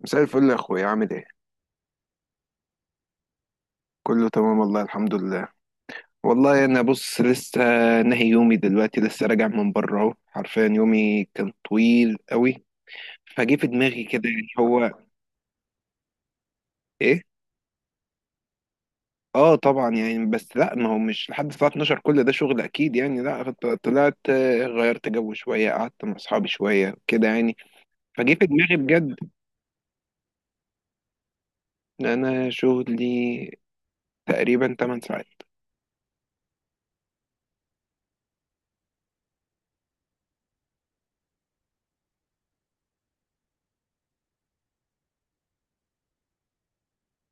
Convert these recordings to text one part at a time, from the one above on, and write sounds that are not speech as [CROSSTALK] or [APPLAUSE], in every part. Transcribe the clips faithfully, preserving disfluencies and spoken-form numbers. مساء الفل يا اخويا، عامل ايه؟ كله تمام والله، الحمد لله. والله انا بص، لسه نهي يومي دلوقتي، لسه راجع من بره اهو. حرفيا يومي كان طويل قوي، فجه في دماغي كده. يعني هو ايه اه طبعا يعني، بس لا ما هو مش لحد الساعه اثنا عشر كل ده شغل اكيد يعني. لا، فط- طلعت، آه، غيرت جو شويه، قعدت مع اصحابي شويه كده يعني. فجه في دماغي بجد. إن انا شغلي تقريبا تمان ساعات.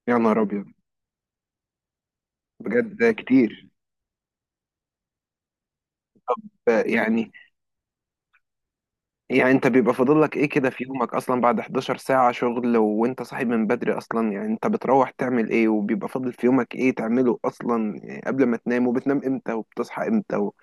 يا نهار ابيض، بجد ده كتير. طب يعني، يعني انت بيبقى فاضل لك ايه كده في يومك اصلا بعد حداشر ساعة شغل وانت صاحب من بدري اصلا؟ يعني انت بتروح تعمل ايه، وبيبقى فاضل في يومك ايه تعمله اصلا يعني؟ قبل ما تنام، وبتنام امتى وبتصحى امتى و...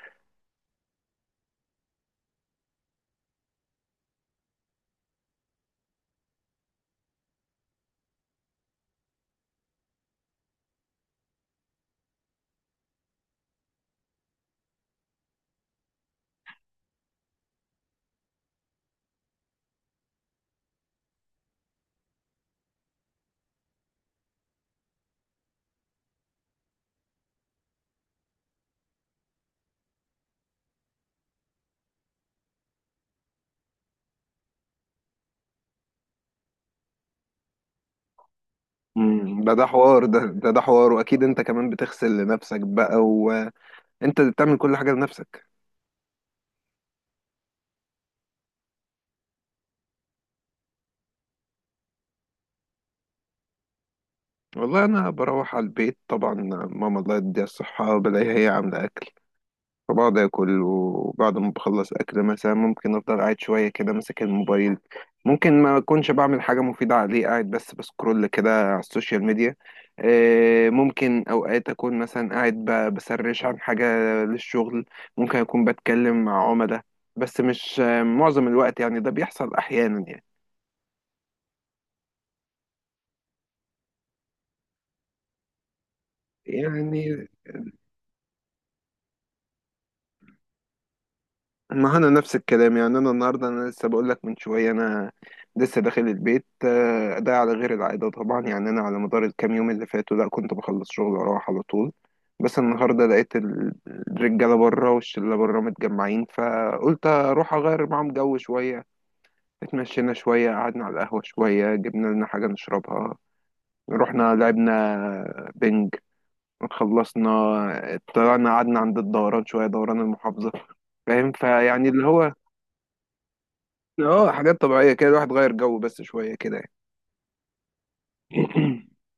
مم، ده ده حوار، ده ده ده حوار. واكيد انت كمان بتغسل لنفسك بقى، وانت اللي بتعمل كل حاجة لنفسك. والله انا بروح على البيت طبعا، ماما الله يديها الصحة بلاقيها هي عاملة اكل، فبقعد اكل. وبعد ما بخلص اكل، مثلا ممكن افضل قاعد شويه كده ماسك الموبايل. ممكن ما اكونش بعمل حاجه مفيده عليه، قاعد بس بسكرول كده على السوشيال ميديا. آه، ممكن اوقات اكون مثلا قاعد ب- بسرش عن حاجه للشغل، ممكن اكون بتكلم مع عملاء. بس مش آه، معظم الوقت يعني، ده بيحصل احيانا يعني. يعني ما انا نفس الكلام يعني. انا النهارده، انا لسه بقول لك من شويه انا لسه داخل البيت. آه، ده على غير العاده طبعا يعني. انا على مدار الكام يوم اللي فاتوا لا، كنت بخلص شغل واروح على طول. بس النهارده لقيت ال- الرجاله بره والشله بره متجمعين، فقلت اروح اغير معاهم جو شويه. اتمشينا شويه، قعدنا على القهوه شويه، جبنا لنا حاجه نشربها، رحنا لعبنا بنج، خلصنا طلعنا قعدنا عند الدوران شويه، دوران المحافظه. فاهم، فيعني اللي هو اه، حاجات طبيعية كده. الواحد غير جو بس شوية كده يعني. [CLEARS THROAT]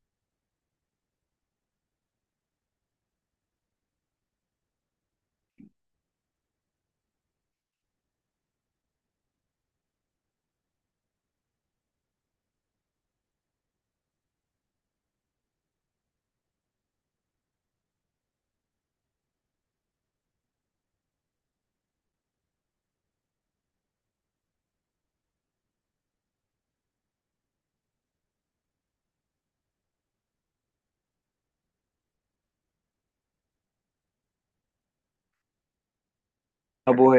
طب و،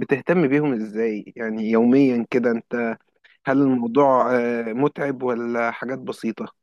بتهتم بيهم ازاي يعني يوميا كده انت؟ هل الموضوع آه، متعب ولا حاجات بسيطة؟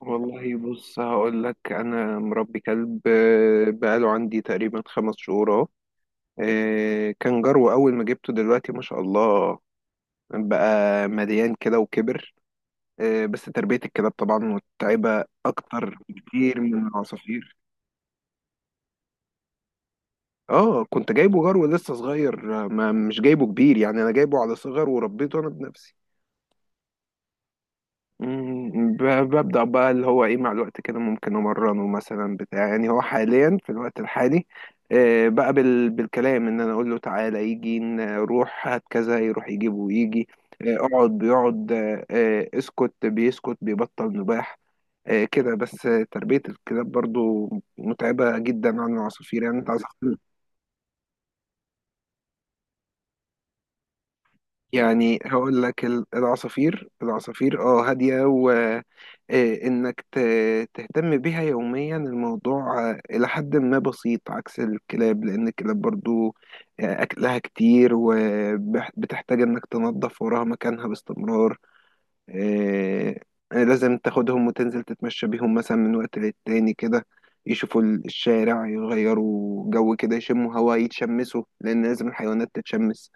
والله بص، هقول لك انا مربي كلب، آه، بقاله عندي تقريبا خمس شهور اهو. آه، كان جرو اول ما جبته، دلوقتي ما شاء الله بقى مليان كده وكبر. آه، بس تربية الكلاب طبعا متعبة اكتر بكتير من العصافير. اه، كنت جايبه جرو لسه صغير، آه، ما مش جايبه كبير يعني. انا جايبه على صغر وربيته انا بنفسي. مم، ب- ببدأ بقى اللي هو ايه مع الوقت كده، ممكن امرنه مثلا بتاع. يعني هو حاليا في الوقت الحالي، آه، بقى بال- بالكلام. ان انا اقول له تعالى يجي، نروح هات كذا يروح يجيب ويجي. آه، اقعد بيقعد، آه، آه، اسكت بيسكت بيبطل نباح. آه، كده بس. آه، تربية الكلاب برضو متعبة جدا عن العصافير يعني. انت عصافير، يعني هقول لك ال- العصافير. العصافير اه هادية، وإنك تهتم بيها يوميا الموضوع آه، إلى حد ما بسيط، عكس الكلاب. لأن الكلاب برضو آه، أكلها كتير، وبتحتاج إنك تنظف وراها مكانها باستمرار. آه، لازم تاخدهم وتنزل تتمشى بيهم مثلا من وقت للتاني كده، يشوفوا الشارع، يغيروا جو كده، يشموا هوا، يتشمسوا، لأن لازم الحيوانات تتشمس.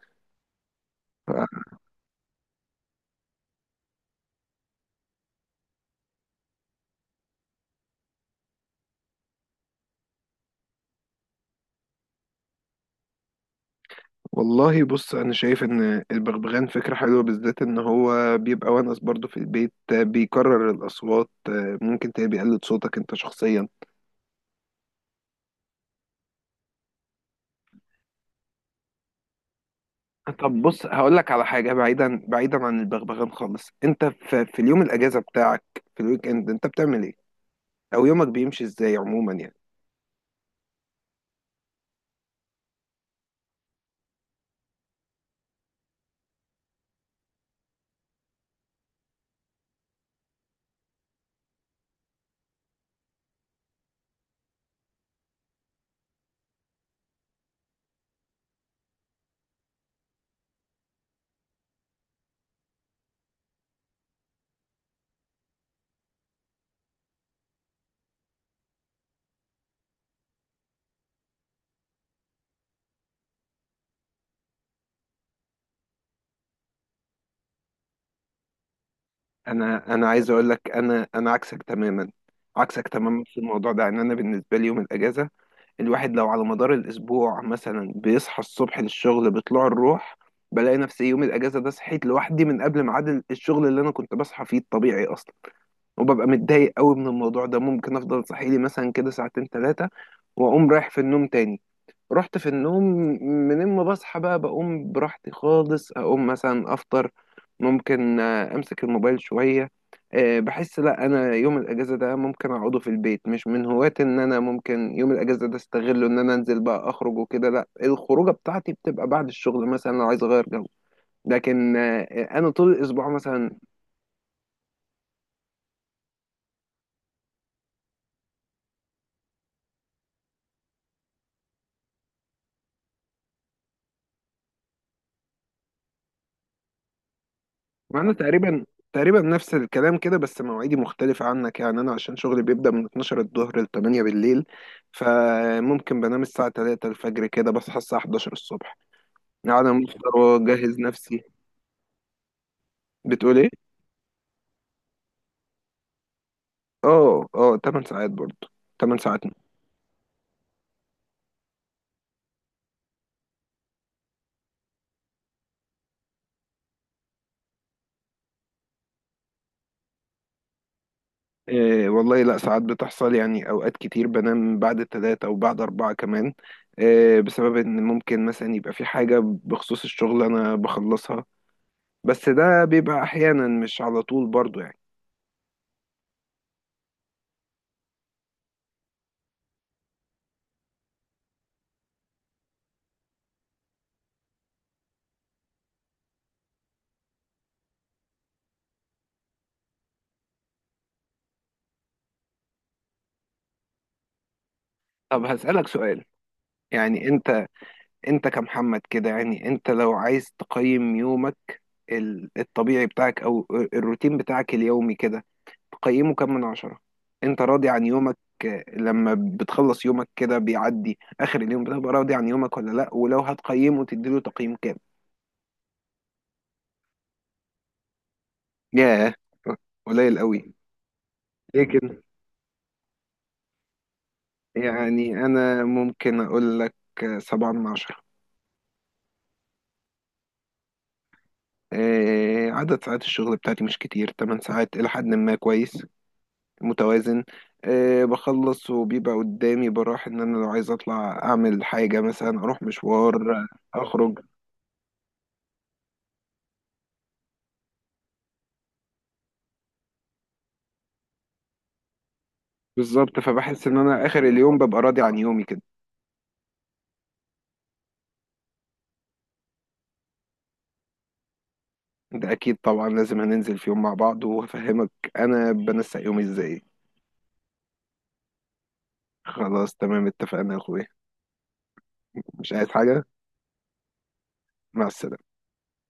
والله بص، انا شايف ان البغبغان فكره حلوه، بالذات ان هو بيبقى ونس برضه في البيت. آه، بيكرر الاصوات، آه، ممكن تلاقيه بيقلد صوتك انت شخصيا. طب بص، هقول لك على حاجه بعيدا، بعيدا عن البغبغان خالص. انت في، في اليوم الاجازه بتاعك، في الويك اند، انت بتعمل ايه، او يومك بيمشي ازاي عموما يعني؟ انا انا عايز اقول لك، انا انا عكسك تماما، عكسك تماما في الموضوع ده. ان انا بالنسبه لي يوم الاجازه، الواحد لو على مدار الأسبوع مثلا بيصحى الصبح للشغل بطلوع الروح، بلاقي نفسي يوم الأجازة ده صحيت لوحدي من قبل ميعاد الشغل اللي أنا كنت بصحى فيه الطبيعي أصلا، وببقى متضايق قوي من الموضوع ده. ممكن أفضل صاحي لي مثلا كده ساعتين ثلاثة وأقوم رايح في النوم تاني. رحت في النوم، من ما بصحى بقى بقوم براحتي خالص. اقوم مثلا افطر، ممكن آه، امسك الموبايل شوية. آه، بحس لا انا يوم الاجازة ده ممكن اقعده في البيت. مش من هواة ان انا ممكن يوم الاجازة ده استغله ان انا انزل بقى اخرج وكده. لا، الخروجة بتاعتي بتبقى بعد الشغل مثلا لو عايز اغير جو. لكن آه، انا طول الاسبوع مثلا، ما انا تقريبا تقريبا نفس الكلام كده، بس مواعيدي مختلفة عنك يعني. انا عشان شغلي بيبدأ من اتناشر الظهر ل تمنية بالليل، فممكن بنام الساعة ثلاثة الفجر كده، بصحى الساعة حداشر الصبح، قاعد مفطر واجهز نفسي. بتقول ايه؟ اه اه تمن ساعات برضه، تمن ساعات. إيه والله، لا ساعات بتحصل يعني، اوقات كتير بنام بعد الثلاثة او بعد اربعة كمان. إيه، بسبب ان ممكن مثلا يبقى في حاجة بخصوص الشغل انا بخلصها. بس ده بيبقى احيانا، مش على طول برضه يعني. طب هسألك سؤال، يعني انت، انت كمحمد كده، يعني انت لو عايز تقيم يومك، ال- الطبيعي بتاعك او الروتين بتاعك اليومي كده، تقيمه كام من عشرة؟ انت راضي عن يومك آه، لما بتخلص يومك كده بيعدي اخر اليوم، بتبقى راضي عن يومك ولا لا، ولو هتقيمه تديله تقييم كام؟ ياه، قليل قوي. ليه كده؟ يعني انا ممكن اقول لك آه، سبعة من عشرة. آه، عدد ساعات الشغل بتاعتي مش كتير، ثماني ساعات إلى حد ما كويس، متوازن. أه بخلص وبيبقى قدامي براح، ان انا لو عايز اطلع اعمل حاجة، مثلا اروح مشوار، اخرج. بالظبط، فبحس ان انا اخر اليوم ببقى راضي عن يومي كده. ده اكيد طبعا، لازم هننزل في يوم مع بعض وهفهمك انا بنسق يومي ازاي. خلاص تمام، اتفقنا يا اخويا. مش عايز حاجة، مع السلامة.